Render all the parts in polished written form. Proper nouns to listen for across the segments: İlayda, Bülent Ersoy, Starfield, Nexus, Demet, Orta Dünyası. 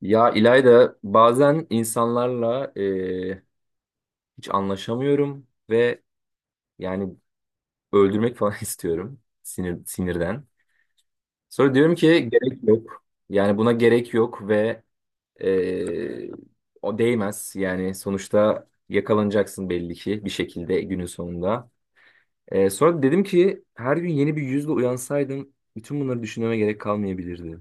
Ya İlayda bazen insanlarla hiç anlaşamıyorum ve yani öldürmek falan istiyorum sinir sinirden. Sonra diyorum ki gerek yok. Yani buna gerek yok ve e, o değmez. Yani sonuçta yakalanacaksın belli ki bir şekilde günün sonunda. Sonra dedim ki her gün yeni bir yüzle uyansaydım bütün bunları düşünmeme gerek kalmayabilirdi.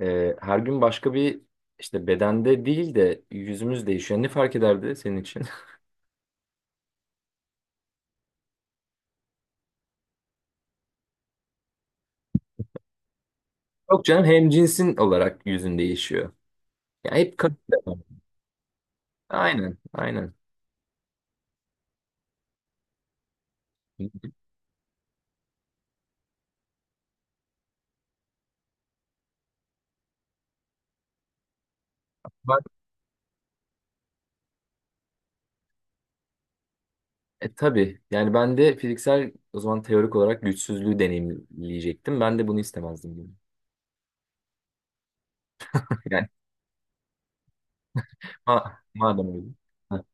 Her gün başka bir işte bedende değil de yüzümüz değişiyor. Ne fark ederdi senin için? Yok canım hem cinsin olarak yüzün değişiyor. Yani hep kadın, devam. Aynen, aynen. Ben, tabii yani ben de fiziksel o zaman teorik olarak güçsüzlüğü deneyimleyecektim. Ben de bunu istemezdim gibi. Yani madem öyle. Ha,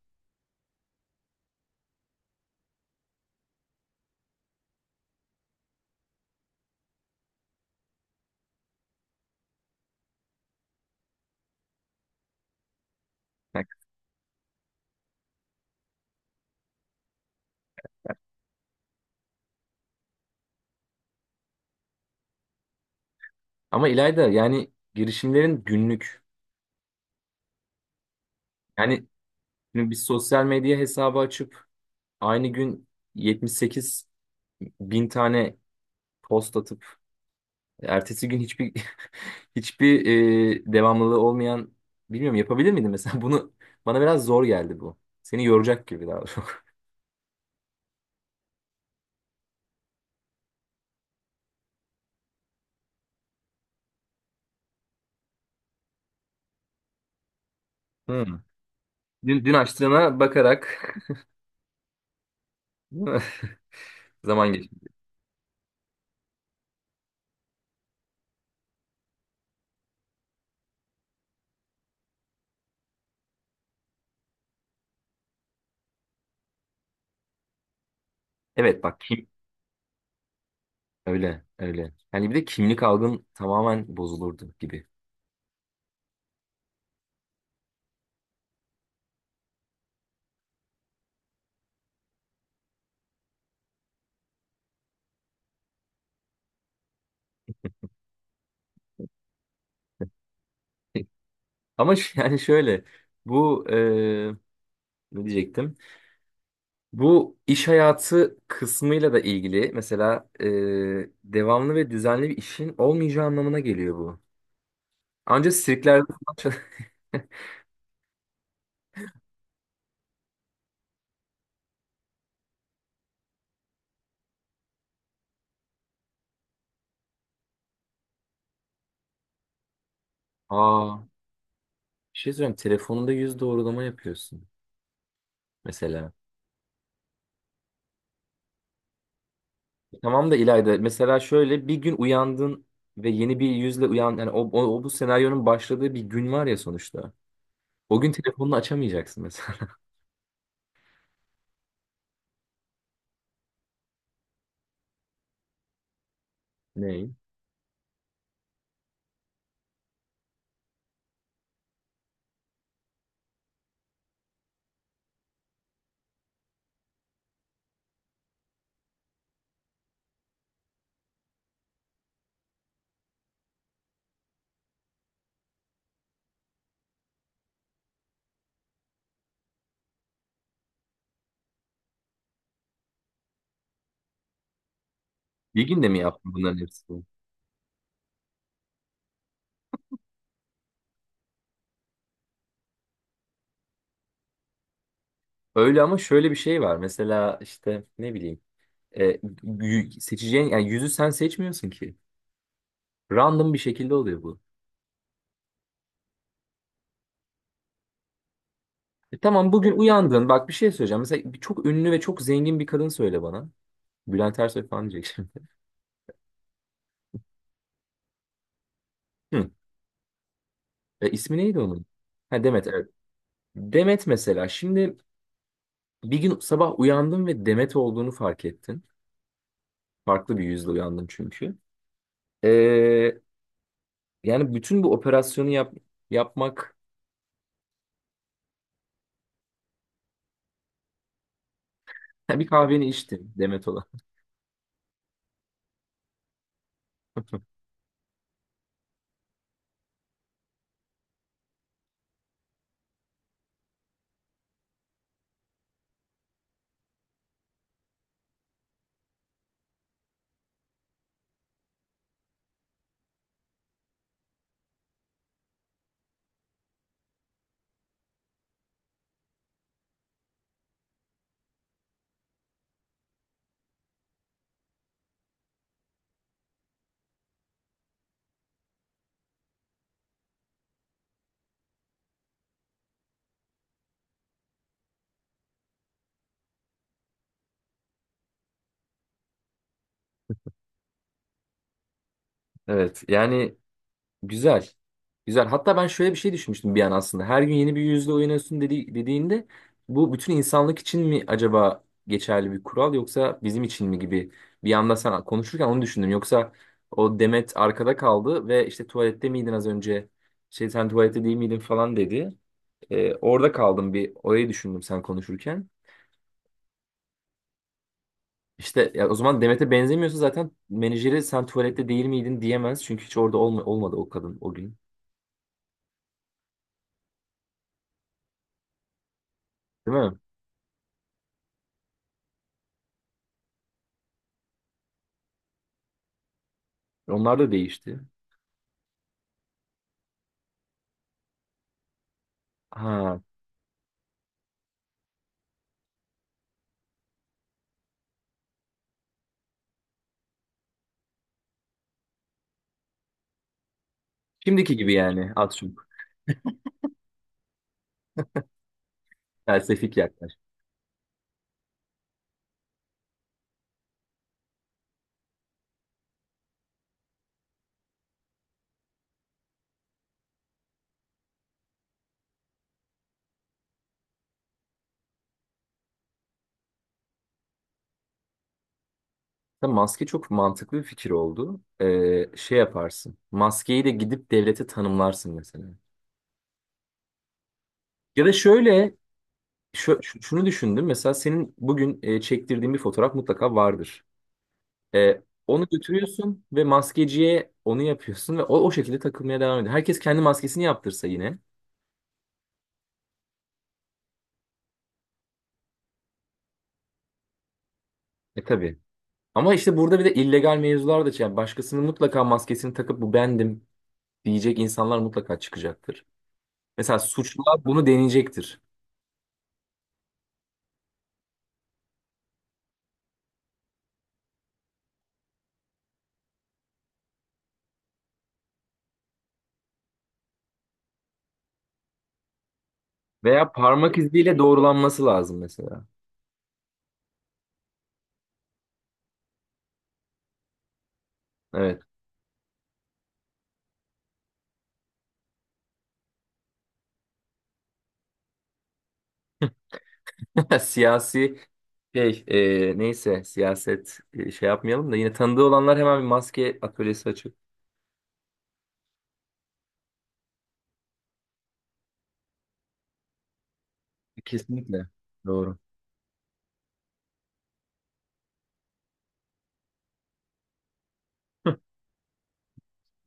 bak. Ama İlayda yani girişimlerin günlük. Yani şimdi biz sosyal medya hesabı açıp aynı gün 78 bin tane post atıp ertesi gün hiçbir hiçbir e, devamlılığı olmayan, bilmiyorum, yapabilir miydim mesela bunu, bana biraz zor geldi bu. Seni yoracak gibi daha çok. Hmm. Dün açtığına bakarak zaman geçti. Evet bak kim, öyle öyle. Yani bir de kimlik algın tamamen bozulurdu gibi. Yani şöyle, bu e, ne diyecektim? Bu iş hayatı kısmıyla da ilgili mesela, devamlı ve düzenli bir işin olmayacağı anlamına geliyor bu. Ancak sirklerde falan Aa, bir şey söyleyeyim. Telefonunda yüz doğrulama yapıyorsun mesela. Tamam da İlayda mesela şöyle bir gün uyandın ve yeni bir yüzle uyan yani o bu senaryonun başladığı bir gün var ya sonuçta. O gün telefonunu açamayacaksın mesela. Ne? Bir günde mi yaptın bunların hepsini? Öyle ama şöyle bir şey var. Mesela işte ne bileyim, e, seçeceğin yani yüzü sen seçmiyorsun ki. Random bir şekilde oluyor bu. E, tamam bugün uyandın. Bak bir şey söyleyeceğim. Mesela çok ünlü ve çok zengin bir kadın söyle bana. Bülent Ersoy falan diyeceksin. Hı. E, ismi neydi onun? Ha Demet, evet. Demet mesela şimdi bir gün sabah uyandın ve Demet olduğunu fark ettin. Farklı bir yüzle uyandın çünkü. E, yani bütün bu operasyonu yapmak bir kahveni içtin Demet olan. Evet yani, güzel. Güzel. Hatta ben şöyle bir şey düşünmüştüm bir an aslında. Her gün yeni bir yüzle oynuyorsun dediğinde bu bütün insanlık için mi acaba geçerli bir kural yoksa bizim için mi gibi, bir anda sen konuşurken onu düşündüm. Yoksa o Demet arkada kaldı ve işte tuvalette miydin az önce? Şey, sen tuvalette değil miydin falan dedi. Orada kaldım, bir orayı düşündüm sen konuşurken. İşte ya o zaman Demet'e benzemiyorsa zaten menajeri sen tuvalette değil miydin diyemez. Çünkü hiç orada olmadı o kadın o gün. Değil mi? Onlar da değişti. Ha, şimdiki gibi yani az çok felsefik yaklaş. Tabii maske çok mantıklı bir fikir oldu. Şey yaparsın. Maskeyi de gidip devlete tanımlarsın mesela. Ya da şöyle, şunu düşündüm. Mesela senin bugün çektirdiğin bir fotoğraf mutlaka vardır. Ee, Onu götürüyorsun ve maskeciye onu yapıyorsun ve o şekilde takılmaya devam ediyor. Herkes kendi maskesini yaptırsa yine. E tabii. Ama işte burada bir de illegal mevzular da, yani başkasının mutlaka maskesini takıp bu bendim diyecek insanlar mutlaka çıkacaktır. Mesela suçlular bunu deneyecektir. Veya parmak iziyle doğrulanması lazım mesela. Evet. Siyasi neyse, şey yapmayalım da yine tanıdığı olanlar hemen bir maske atölyesi açıp. Kesinlikle. Doğru.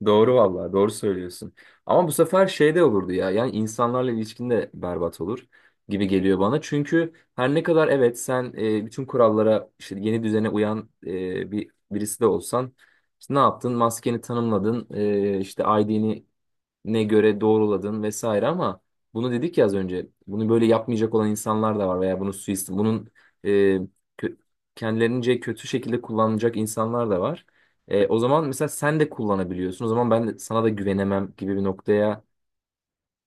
Doğru vallahi, doğru söylüyorsun. Ama bu sefer şey de olurdu ya. Yani insanlarla ilişkin de berbat olur gibi geliyor bana. Çünkü her ne kadar evet sen bütün kurallara işte yeni düzene uyan bir birisi de olsan, işte ne yaptın? Maskeni tanımladın, işte ID'ni ne göre doğruladın vesaire, ama bunu dedik ya az önce. Bunu böyle yapmayacak olan insanlar da var veya bunu suist bunun e, kö- kendilerince kötü şekilde kullanacak insanlar da var. E, o zaman mesela sen de kullanabiliyorsun. O zaman sana da güvenemem gibi bir noktaya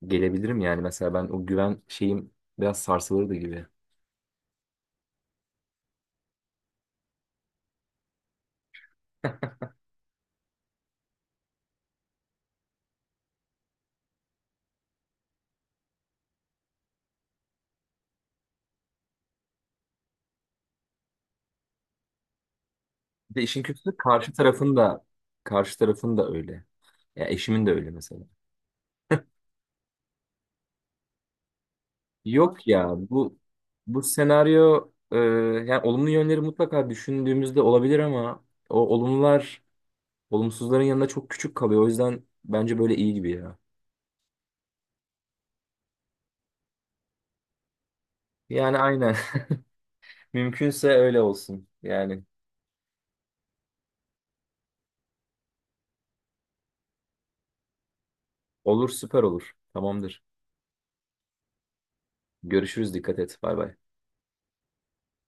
gelebilirim yani. Mesela ben o güven şeyim biraz sarsılırdı gibi. Ve işin kötüsü karşı tarafın da öyle. Ya eşimin de öyle mesela. Yok ya, bu senaryo, yani olumlu yönleri mutlaka düşündüğümüzde olabilir ama o olumlular olumsuzların yanında çok küçük kalıyor. O yüzden bence böyle iyi gibi ya. Yani aynen. Mümkünse öyle olsun. Yani olur, süper olur. Tamamdır. Görüşürüz. Dikkat et. Bay bay.